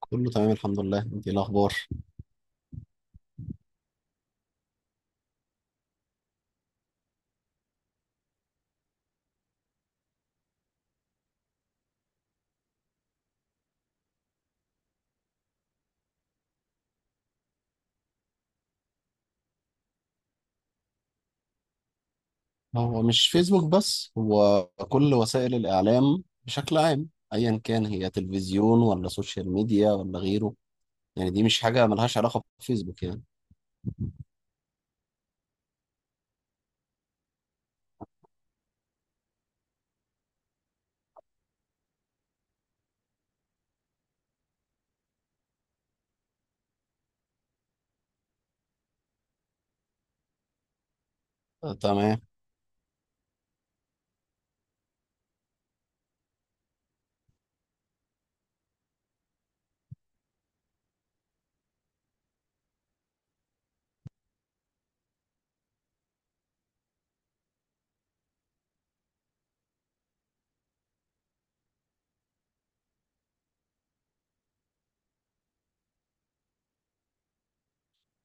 كله تمام الحمد لله، انت ايه الاخبار؟ هو مش فيسبوك بس، هو كل وسائل الاعلام بشكل عام، ايا كان، هي تلفزيون ولا سوشيال ميديا ولا غيره. يعني دي مش حاجه ملهاش علاقه بفيسبوك يعني. آه، تمام.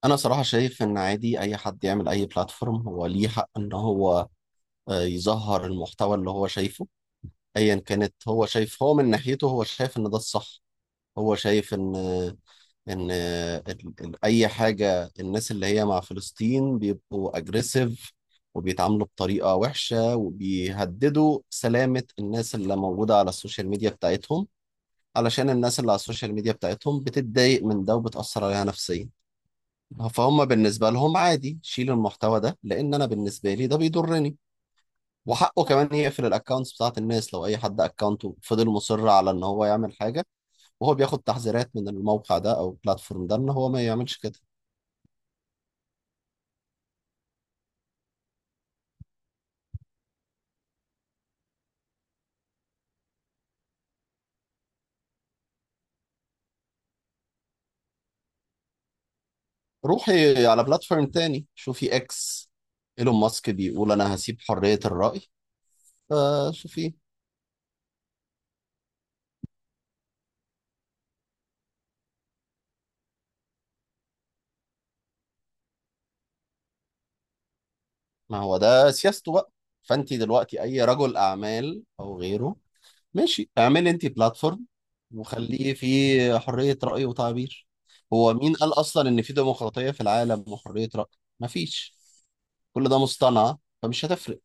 انا صراحه شايف ان عادي اي حد يعمل اي بلاتفورم هو ليه حق ان هو يظهر المحتوى اللي هو شايفه. ايا كانت هو شايف، هو من ناحيته هو شايف ان ده الصح. هو شايف ان اي حاجه الناس اللي هي مع فلسطين بيبقوا اجريسيف، وبيتعاملوا بطريقه وحشه، وبيهددوا سلامه الناس اللي موجوده على السوشيال ميديا بتاعتهم. علشان الناس اللي على السوشيال ميديا بتاعتهم بتتضايق من ده وبتاثر عليها نفسيا. فهم بالنسبه لهم عادي شيل المحتوى ده، لان انا بالنسبه لي ده بيضرني. وحقه كمان يقفل الاكونتس بتاعت الناس لو اي حد اكونته فضل مصر على ان هو يعمل حاجه، وهو بياخد تحذيرات من الموقع ده او البلاتفورم ده ان هو ما يعملش كده. روحي على بلاتفورم تاني، شوفي اكس. ايلون ماسك بيقول انا هسيب حرية الرأي. فشوفي. ما هو ده سياسته بقى. فانت دلوقتي اي رجل اعمال او غيره. ماشي، اعملي انت بلاتفورم وخليه فيه حرية رأي وتعبير. هو مين قال اصلا ان في ديمقراطية في العالم وحرية رأي؟ مفيش. كل ده مصطنع فمش هتفرق.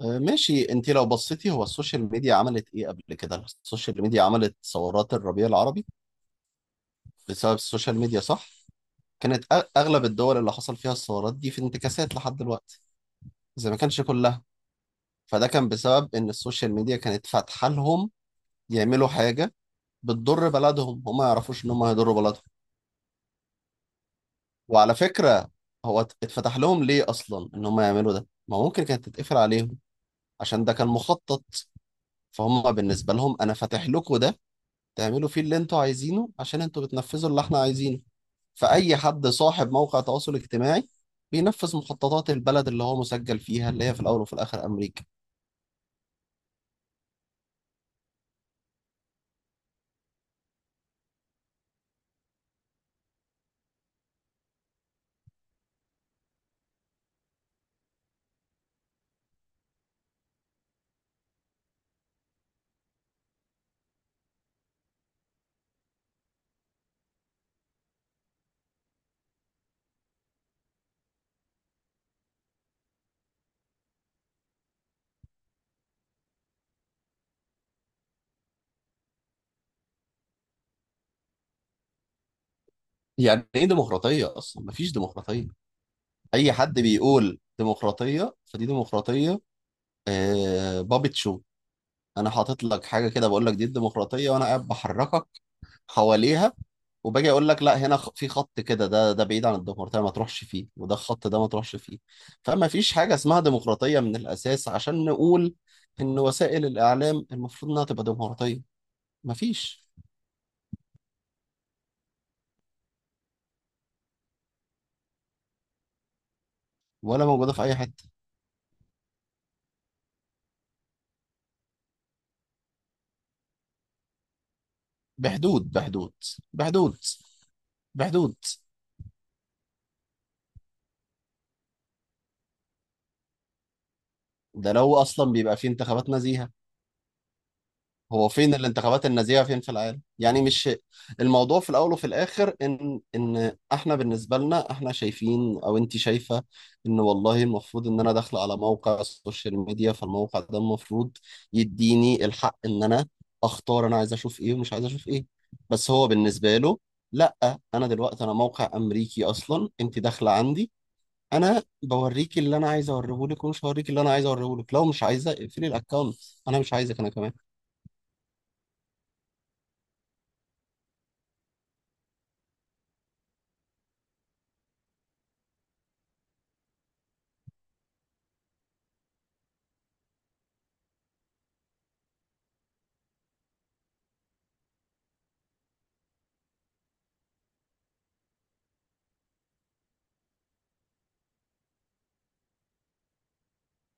ماشي، انت لو بصيتي هو السوشيال ميديا عملت ايه قبل كده؟ السوشيال ميديا عملت ثورات الربيع العربي. بسبب السوشيال ميديا، صح. كانت اغلب الدول اللي حصل فيها الثورات دي في انتكاسات لحد دلوقتي، زي ما كانش كلها. فده كان بسبب ان السوشيال ميديا كانت فاتحه لهم يعملوا حاجه بتضر بلدهم، هم ما يعرفوش ان هم هيضروا بلدهم. وعلى فكره، هو اتفتح لهم ليه اصلا ان هم يعملوا ده؟ ما ممكن كانت تتقفل عليهم. عشان ده كان مخطط. فهم بالنسبه لهم انا فاتح لكم ده تعملوا فيه اللي انتوا عايزينه، عشان انتوا بتنفذوا اللي احنا عايزينه. فأي حد صاحب موقع تواصل اجتماعي بينفذ مخططات البلد اللي هو مسجل فيها، اللي هي في الأول وفي الآخر أمريكا. يعني إيه ديمقراطية أصلا؟ مفيش ديمقراطية. أي حد بيقول ديمقراطية فدي ديمقراطية. آه، بابت شو. أنا حاطط لك حاجة كده بقول لك دي الديمقراطية، وأنا قاعد بحركك حواليها. وباجي اقول لك لا، هنا في خط كده، ده بعيد عن الديمقراطيه ما تروحش فيه، وده الخط ده ما تروحش فيه. فما فيش حاجه اسمها ديمقراطيه من الاساس عشان نقول ان وسائل الاعلام المفروض انها تبقى ديمقراطيه. ما فيش. ولا موجوده في اي حته. بحدود، بحدود، بحدود، بحدود. ده لو اصلا بيبقى في انتخابات نزيهه. هو فين الانتخابات النزيهة فين في العالم؟ يعني مش، الموضوع في الأول وفي الآخر إن إحنا بالنسبة لنا، إحنا شايفين أو أنت شايفة إن والله المفروض إن أنا داخلة على موقع السوشيال ميديا، فالموقع ده المفروض يديني الحق إن أنا أختار، أنا عايز أشوف إيه ومش عايز أشوف إيه. بس هو بالنسبة له، لأ، أنا دلوقتي أنا موقع أمريكي أصلا، أنت داخلة عندي، أنا بوريك اللي أنا عايز أوريهولك، ومش هوريك اللي أنا عايز أوريهولك. لو مش عايزة اقفلي الأكونت. أنا مش عايزك. أنا كمان،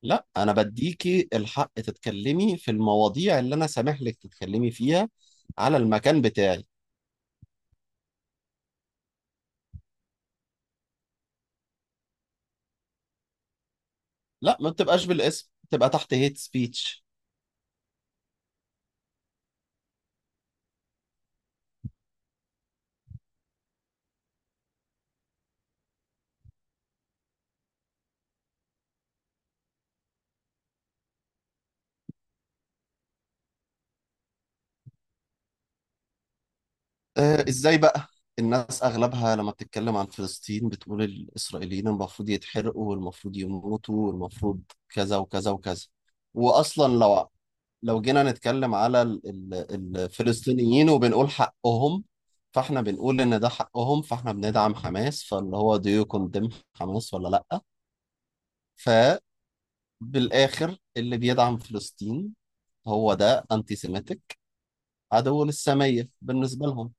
لا، انا بديكي الحق تتكلمي في المواضيع اللي انا سامح لك تتكلمي فيها على المكان بتاعي. لا، ما بتبقاش بالاسم، بتبقى تحت هيت سبيتش. آه، ازاي بقى؟ الناس اغلبها لما بتتكلم عن فلسطين بتقول الاسرائيليين المفروض يتحرقوا والمفروض يموتوا والمفروض كذا وكذا وكذا. واصلا لو، جينا نتكلم على الفلسطينيين وبنقول حقهم، فاحنا بنقول ان ده حقهم، فاحنا بندعم حماس، فاللي هو do you condemn حماس ولا لا. فبالاخر اللي بيدعم فلسطين هو ده انتي سيميتك، عدو للساميه بالنسبه لهم.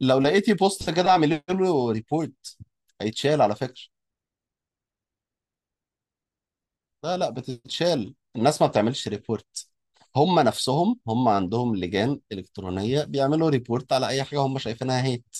لو لقيتي بوست كده اعملي له ريبورت، هيتشال على فكره. لا، لا، بتتشال. الناس ما بتعملش ريبورت. هم نفسهم، هم عندهم لجان الكترونيه بيعملوا ريبورت على اي حاجه هم شايفينها هيت.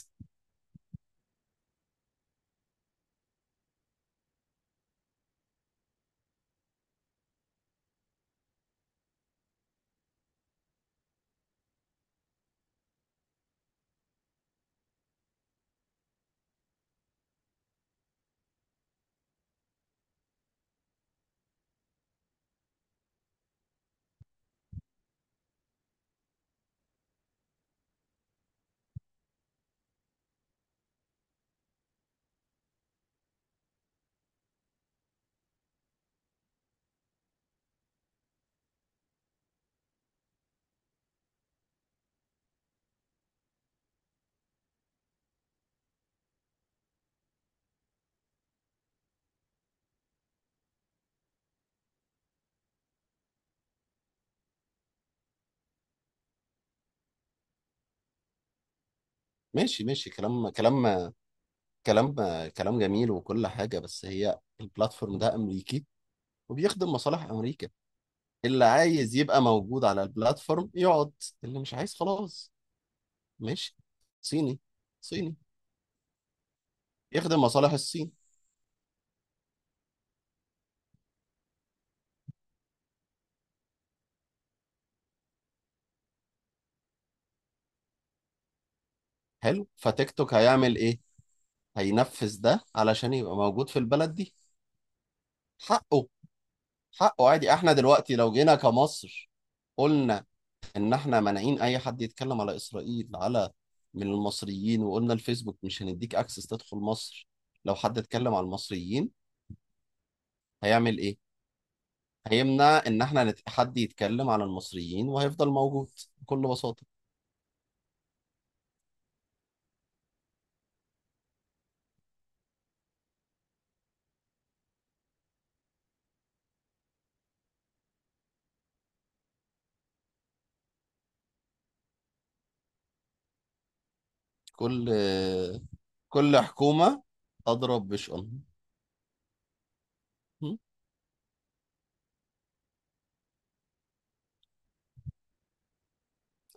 ماشي، ماشي، كلام، كلام. كلام، كلام جميل وكل حاجه، بس هي البلاتفورم ده امريكي وبيخدم مصالح امريكا. اللي عايز يبقى موجود على البلاتفورم يقعد، اللي مش عايز خلاص. ماشي. صيني. صيني. يخدم مصالح الصين. حلو، فتيك توك هيعمل ايه؟ هينفذ ده علشان يبقى موجود في البلد دي. حقه. حقه عادي. احنا دلوقتي لو جينا كمصر قلنا ان احنا مانعين اي حد يتكلم على اسرائيل، على، من المصريين، وقلنا الفيسبوك مش هنديك اكسس تدخل مصر. لو حد اتكلم على المصريين هيعمل ايه؟ هيمنع ان احنا حد يتكلم على المصريين، وهيفضل موجود بكل بساطة. كل كل حكومة أضرب بشؤونها. م؟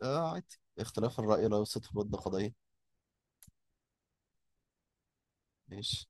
آه، عادي، اختلاف الرأي لا يفسد في الود قضية. ماشي.